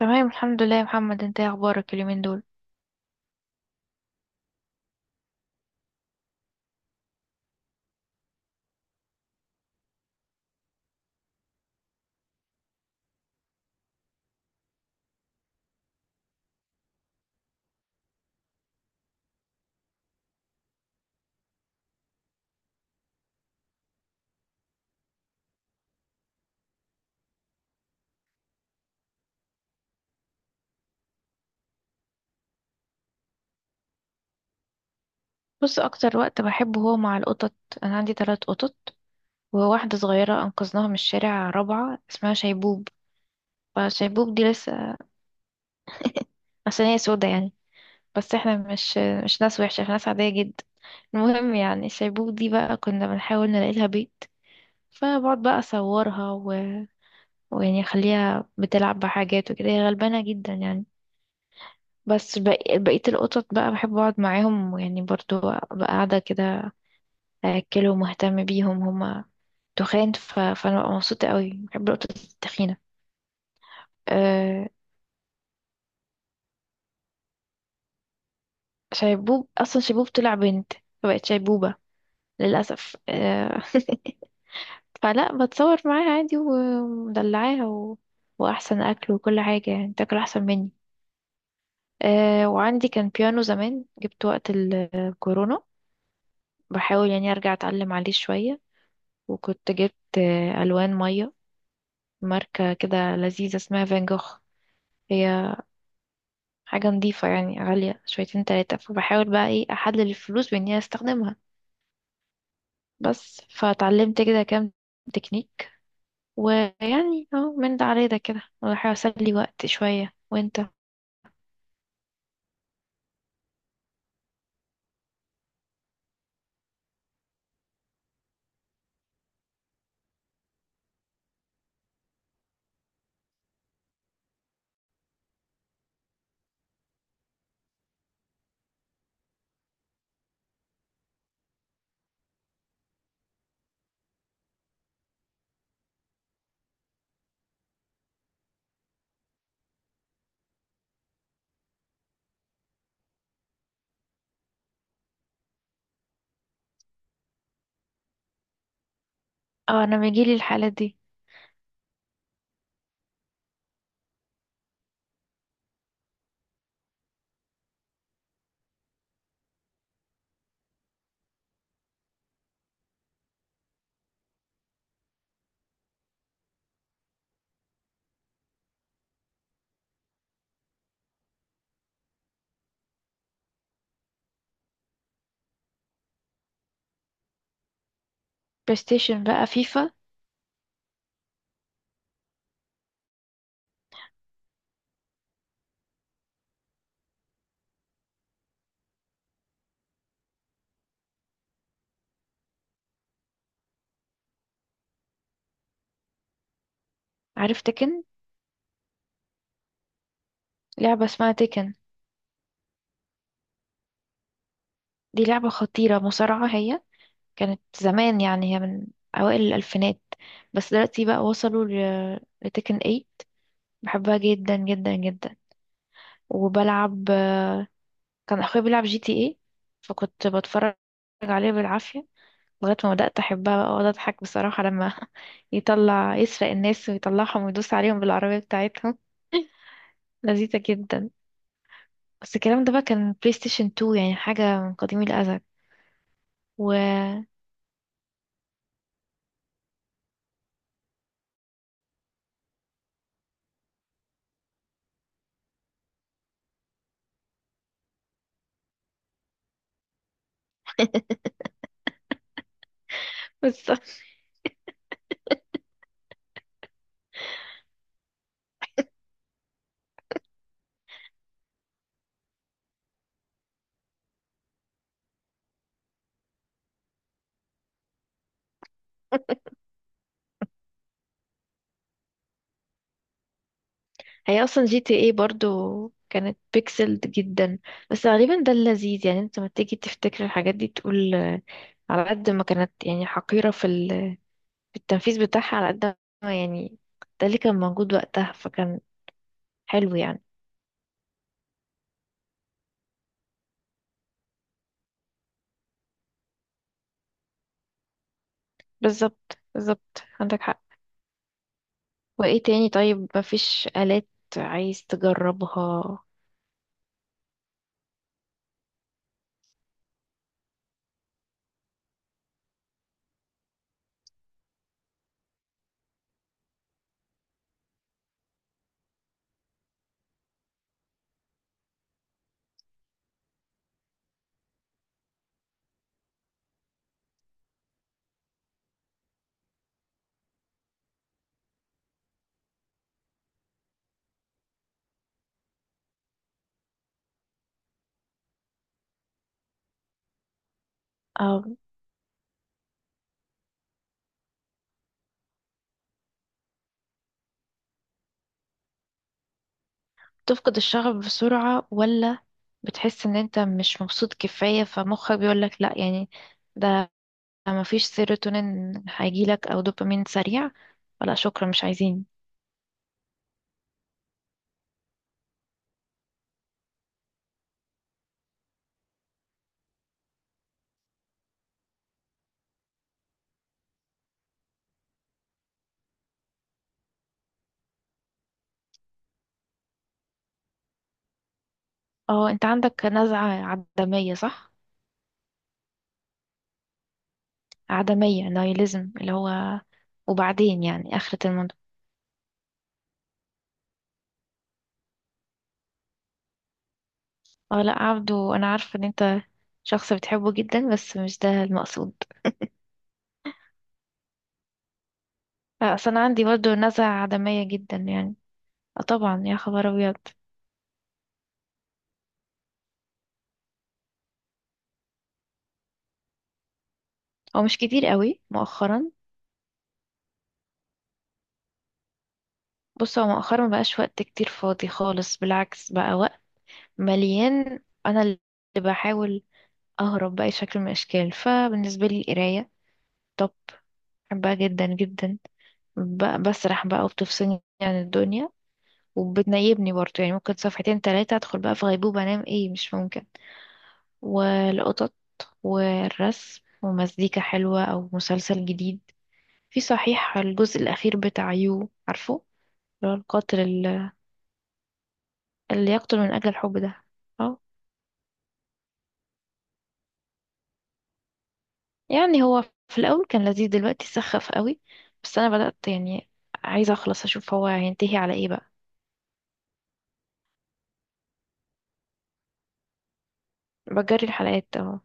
تمام الحمد لله يا محمد، انت ايه اخبارك اليومين دول؟ بص، اكتر وقت بحبه هو مع القطط. انا عندي ثلاث قطط، وواحده صغيره انقذناها من الشارع رابعه اسمها شيبوب. فشيبوب دي لسه عشان هي سودا، يعني بس احنا مش ناس وحشه، احنا ناس عاديه جدا. المهم يعني شيبوب دي بقى كنا بنحاول نلاقي لها بيت، فبقعد بقى اصورها ويعني اخليها بتلعب بحاجات وكده، هي غلبانه جدا يعني. بس بقية القطط بقى بحب اقعد معاهم، ويعني برضو ابقى قاعدة كده اكله ومهتم بيهم، هما تخان فانا ببقى مبسوطه قوي، بحب نقطه التخينه. أه... شيبوب اصلا شيبوب طلع بنت فبقت شيبوبه للاسف. فلا بتصور معاها عادي ومدلعاها واحسن اكل وكل حاجه، يعني تاكل احسن مني. وعندي كان بيانو زمان، جبت وقت الكورونا، بحاول يعني ارجع اتعلم عليه شويه. وكنت جبت الوان ميه، ماركه كده لذيذه اسمها فان جوخ. هي حاجة نظيفة يعني، غالية شويتين تلاتة، فبحاول بقى ايه أحلل الفلوس بإن هي أستخدمها. بس فتعلمت كده كام تكنيك، ويعني اه من ده على ده كده بحاول أسلي وقت شوية. وانت؟ اه، أنا بيجيلي الحالات دي. بلايستيشن بقى فيفا. عارف تكن؟ لعبة اسمها تكن، دي لعبة خطيرة، مصارعة هي. كانت زمان يعني، هي من أوائل الألفينات، بس دلوقتي بقى وصلوا لتكن 8. بحبها جدا جدا جدا. وبلعب، كان اخويا بيلعب جي تي ايه، فكنت بتفرج عليه بالعافية لغاية ما بدأت احبها بقى، واقعد اضحك بصراحة لما يطلع يسرق الناس ويطلعهم ويدوس عليهم بالعربية بتاعتهم. لذيذة جدا. بس الكلام ده بقى كان بلاي ستيشن 2، يعني حاجة من قديم الأزل. و بس هي أصلا جي تي ايه برضو كانت بيكسلد جدا، بس غالبا ده اللذيذ يعني. انت لما تيجي تفتكر الحاجات دي تقول، على قد ما كانت يعني حقيرة في التنفيذ بتاعها، على قد ما يعني ده اللي كان موجود وقتها. فكان حلو يعني. بالظبط بالظبط، عندك حق. وايه تاني طيب؟ مفيش آلات عايز تجربها؟ أو تفقد الشغف بسرعة، ولا بتحس ان انت مش مبسوط كفاية فمخك بيقولك لا يعني، ده مفيش سيروتونين هيجيلك او دوبامين سريع، ولا شكرا مش عايزين. اه، انت عندك نزعة عدمية، صح؟ عدمية، نيهيليزم، اللي هو وبعدين يعني آخرة المنتهى. اه لا، عبده انا عارفه ان انت شخص بتحبه جدا، بس مش ده المقصود. لا، اصل انا عندي برضو نزعة عدمية جدا يعني. اه طبعا يا خبر ابيض. هو مش كتير قوي مؤخرا. بص، هو مؤخرا مبقاش وقت كتير فاضي خالص، بالعكس بقى وقت مليان. انا اللي بحاول اهرب باي شكل من الاشكال. فبالنسبه لي القرايه توب، بحبها جدا جدا. بسرح بقى وبتفصلني عن الدنيا، وبتنيبني برضه يعني، ممكن صفحتين تلاتة ادخل بقى في غيبوبة انام. ايه مش ممكن. والقطط والرسم ومزيكا حلوة أو مسلسل جديد. في صحيح، الجزء الأخير بتاع يو، عارفه؟ اللي هو اللي يقتل من أجل الحب ده. اه، يعني هو في الأول كان لذيذ، دلوقتي سخف قوي، بس أنا بدأت يعني عايزة أخلص أشوف هو هينتهي على إيه بقى. بجري الحلقات اهو.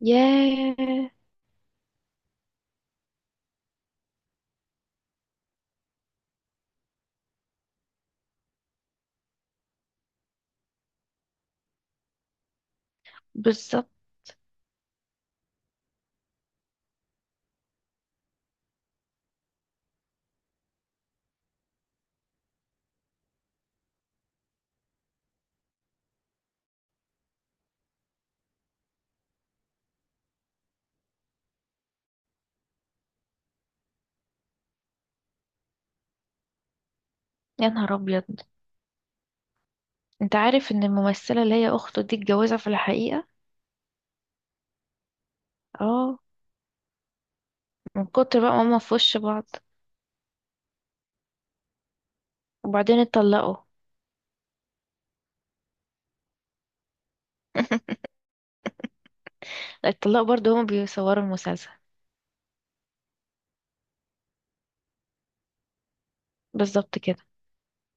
ياه. بالظبط. يا نهار أبيض، أنت عارف إن الممثلة اللي هي أخته دي اتجوزها في الحقيقة؟ اه، من كتر بقى ماما في وش بعض، وبعدين اتطلقوا. الطلاب برضو هما بيصوروا المسلسل. بالظبط كده.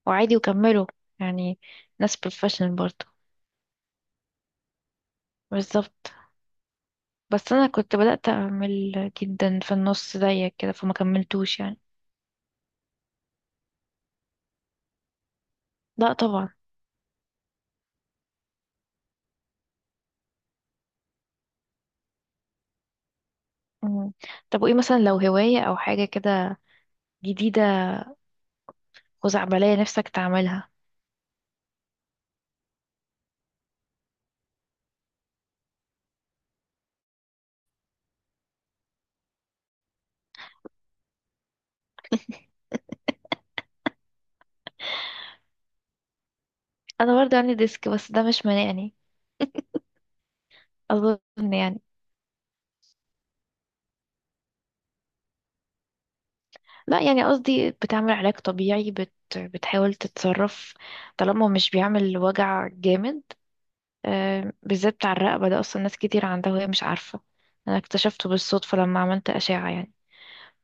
وعادي وكملوا يعني، ناس بروفيشنال برضو. بالظبط. بس انا كنت بدأت اعمل جدا في النص زيك كده، فما كملتوش يعني. لا طبعا. مم. طب وايه مثلا لو هواية او حاجة كده جديدة خزعبلية نفسك تعملها؟ انا برضو عندي ديسك، بس ده مش مانعني اظن يعني. لا يعني قصدي، بتعمل علاج طبيعي، بتحاول تتصرف طالما مش بيعمل وجع جامد. بالذات بتاع الرقبة ده أصلا ناس كتير عندها وهي مش عارفة. أنا اكتشفته بالصدفة لما عملت أشعة يعني.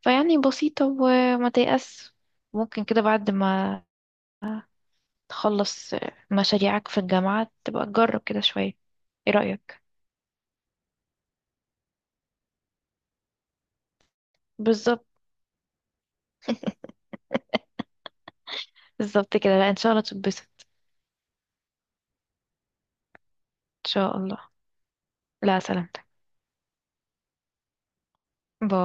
فيعني بسيطة وما تيأس. ممكن كده بعد ما تخلص مشاريعك في الجامعة تبقى تجرب كده شوية. ايه رأيك؟ بالظبط بالظبط كده. لا إن شاء الله تتبسط. إن شاء الله. لا سلامتك. باي.